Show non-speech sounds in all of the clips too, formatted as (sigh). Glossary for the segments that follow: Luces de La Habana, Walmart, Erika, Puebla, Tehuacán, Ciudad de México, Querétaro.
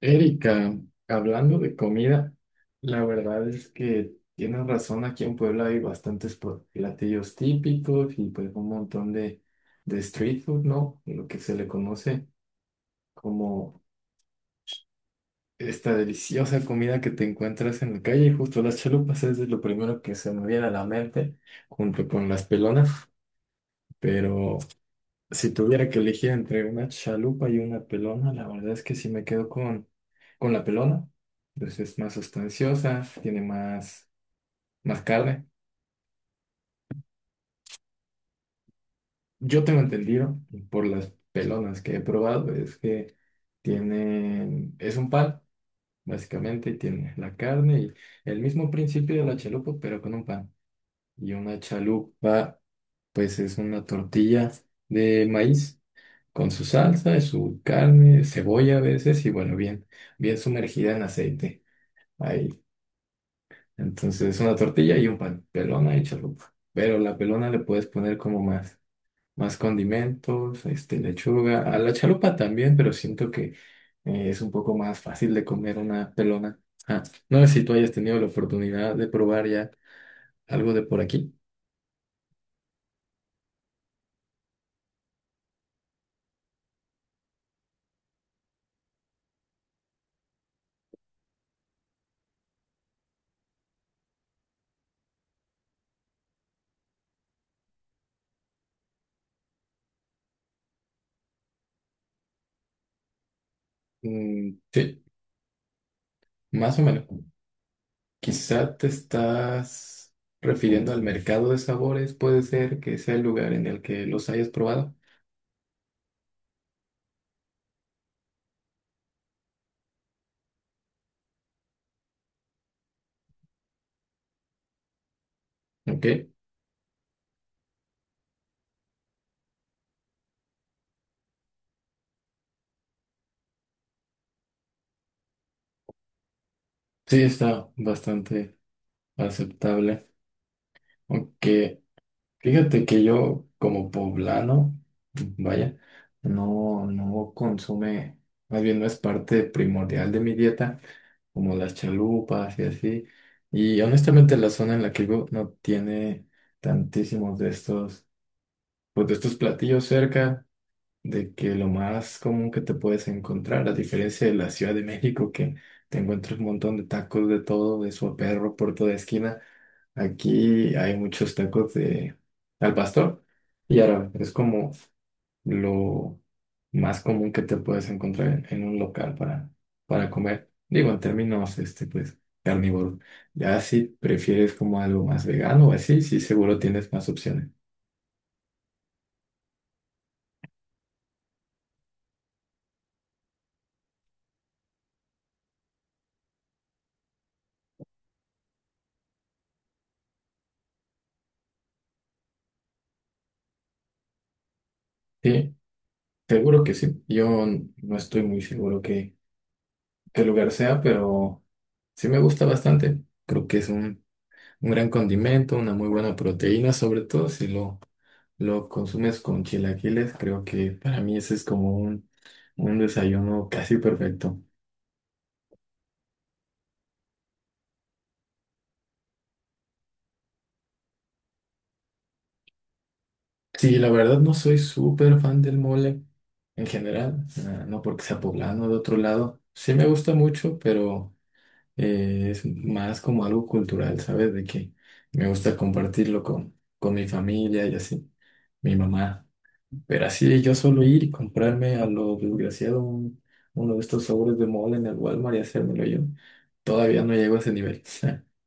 Erika, hablando de comida, la verdad es que tienes razón, aquí en Puebla hay bastantes platillos típicos y pues un montón de street food, ¿no? Lo que se le conoce como esta deliciosa comida que te encuentras en la calle, y justo las chalupas es de lo primero que se me viene a la mente, junto con las pelonas, pero... Si tuviera que elegir entre una chalupa y una pelona, la verdad es que sí me quedo con la pelona. Pues es más sustanciosa, tiene más, más carne. Yo tengo entendido por las pelonas que he probado es que tienen, es un pan, básicamente, y tiene la carne y el mismo principio de la chalupa, pero con un pan. Y una chalupa, pues es una tortilla de maíz con su salsa y su carne, cebolla a veces y bueno, bien, bien sumergida en aceite. Ahí. Entonces, una tortilla y un pan, pelona y chalupa. Pero la pelona le puedes poner como más, más condimentos, este, lechuga, a la chalupa también, pero siento que es un poco más fácil de comer una pelona. Ah, no sé si tú hayas tenido la oportunidad de probar ya algo de por aquí. Mm, sí, más o menos. Quizá te estás refiriendo al mercado de sabores, puede ser que sea el lugar en el que los hayas probado. Ok, sí, está bastante aceptable. Aunque fíjate que yo, como poblano, vaya, no, no consume, más bien no es parte primordial de mi dieta, como las chalupas y así. Y honestamente, la zona en la que vivo no tiene tantísimos de estos, pues de estos platillos cerca. De que lo más común que te puedes encontrar, a diferencia de la Ciudad de México, que te encuentras un montón de tacos de todo, de perro por toda esquina, aquí hay muchos tacos de al pastor y árabe. Es como lo más común que te puedes encontrar en un local para comer. Digo, en términos, este, pues, carnívoros. Ya si prefieres como algo más vegano o así, sí, seguro tienes más opciones. Sí, seguro que sí. Yo no estoy muy seguro que el lugar sea, pero sí me gusta bastante. Creo que es un gran condimento, una muy buena proteína, sobre todo si lo, lo consumes con chilaquiles. Creo que para mí ese es como un desayuno casi perfecto. Sí, la verdad no soy súper fan del mole en general, ah, no porque sea poblano o de otro lado. Sí me gusta mucho, pero es más como algo cultural, ¿sabes? De que me gusta compartirlo con mi familia y así, mi mamá. Pero así yo solo ir y comprarme a lo desgraciado uno de estos sobres de mole en el Walmart y hacérmelo yo, todavía no llego a ese nivel. (laughs)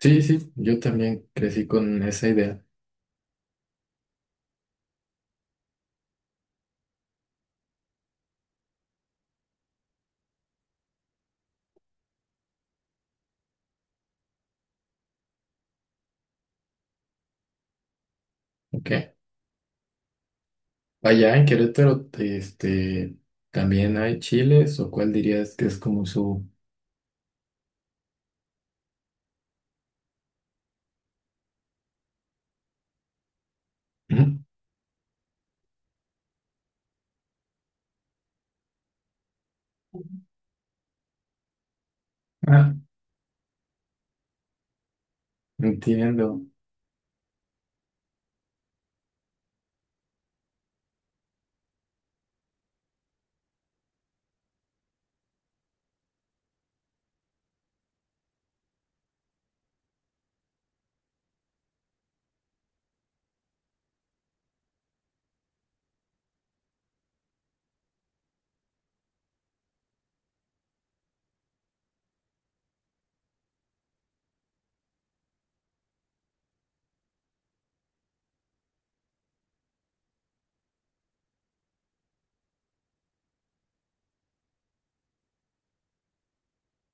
Sí, sí, yo también crecí con esa idea. Ok. Allá en Querétaro, este, también hay chiles, o cuál dirías que es como su... Ujú. Ah, entiendo.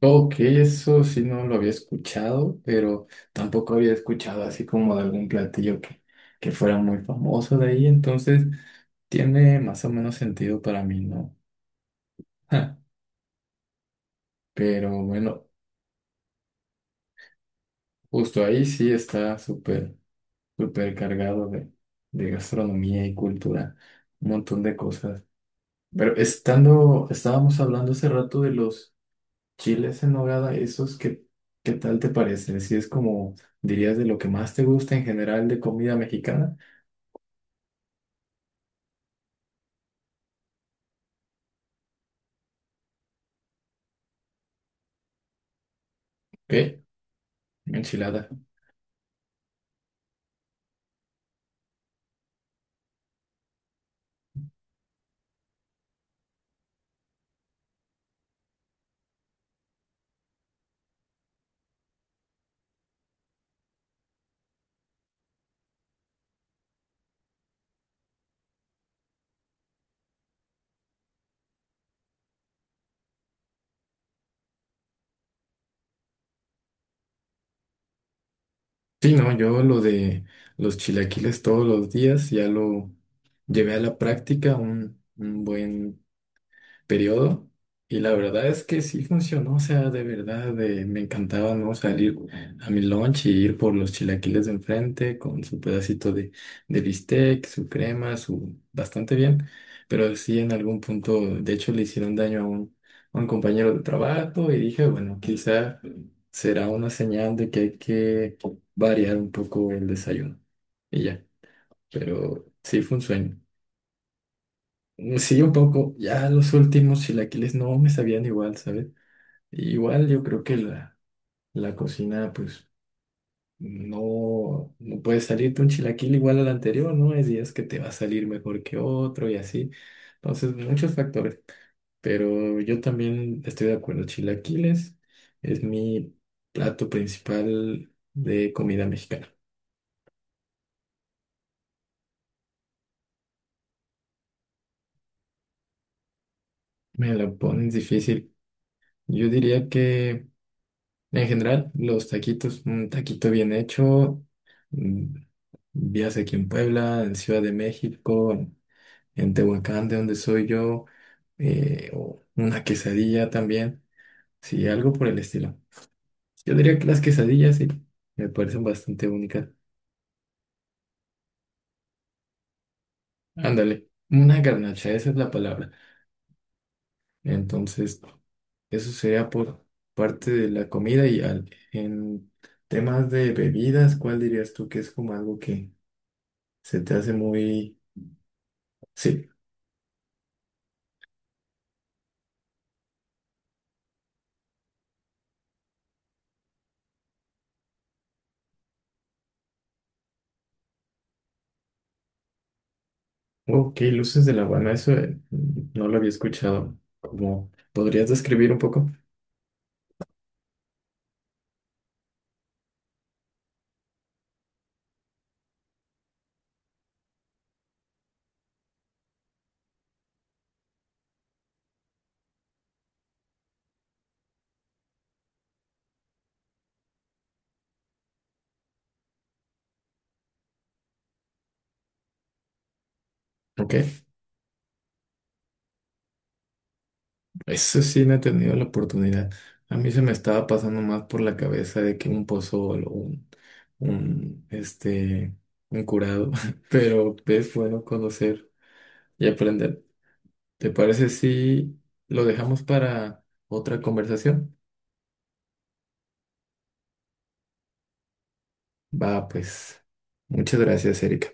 Ok, eso sí no lo había escuchado, pero tampoco había escuchado así como de algún platillo que fuera muy famoso de ahí, entonces... Tiene más o menos sentido para mí, ¿no? Ja, pero bueno, justo ahí sí está súper, súper cargado de gastronomía y cultura, un montón de cosas. Pero estando, estábamos hablando hace rato de los chiles en nogada, esos que, ¿qué tal te parece? Si es como, dirías, de lo que más te gusta en general de comida mexicana, ¿qué? Enchiladas. Sí, no, yo lo de los chilaquiles todos los días ya lo llevé a la práctica un buen periodo y la verdad es que sí funcionó, o sea, de verdad me encantaba no salir a mi lunch y ir por los chilaquiles de enfrente con su pedacito de bistec, su crema, su bastante bien, pero sí en algún punto, de hecho le hicieron daño a un compañero de trabajo y dije, bueno, quizá será una señal de que hay que variar un poco el desayuno y ya, pero sí fue un sueño. Mm, sí, un poco. Ya los últimos chilaquiles no me sabían igual, ¿sabes? Igual yo creo que la cocina, pues, no, no puede salirte un chilaquil igual al anterior, ¿no? Hay días que te va a salir mejor que otro y así. Entonces, muchos factores. Pero yo también estoy de acuerdo. Chilaquiles es mi plato principal de comida mexicana. Me lo pones difícil. Yo diría que... En general, los taquitos, un taquito bien hecho, mm, ya sea aquí en Puebla, en Ciudad de México, en Tehuacán, de donde soy yo, o una quesadilla también, sí, algo por el estilo. Yo diría que las quesadillas sí, me parecen bastante únicas. Ándale, una garnacha, esa es la palabra. Entonces, eso sería por parte de la comida y en temas de bebidas, ¿cuál dirías tú que es como algo que se te hace muy... Sí, ok, Luces de La Habana, eso no lo había escuchado. ¿Cómo podrías describir un poco? Ok, eso sí no he tenido la oportunidad. A mí se me estaba pasando más por la cabeza de que un pozol o un, este, un curado, (laughs) pero es bueno conocer y aprender. ¿Te parece si lo dejamos para otra conversación? Va, pues, muchas gracias, Erika.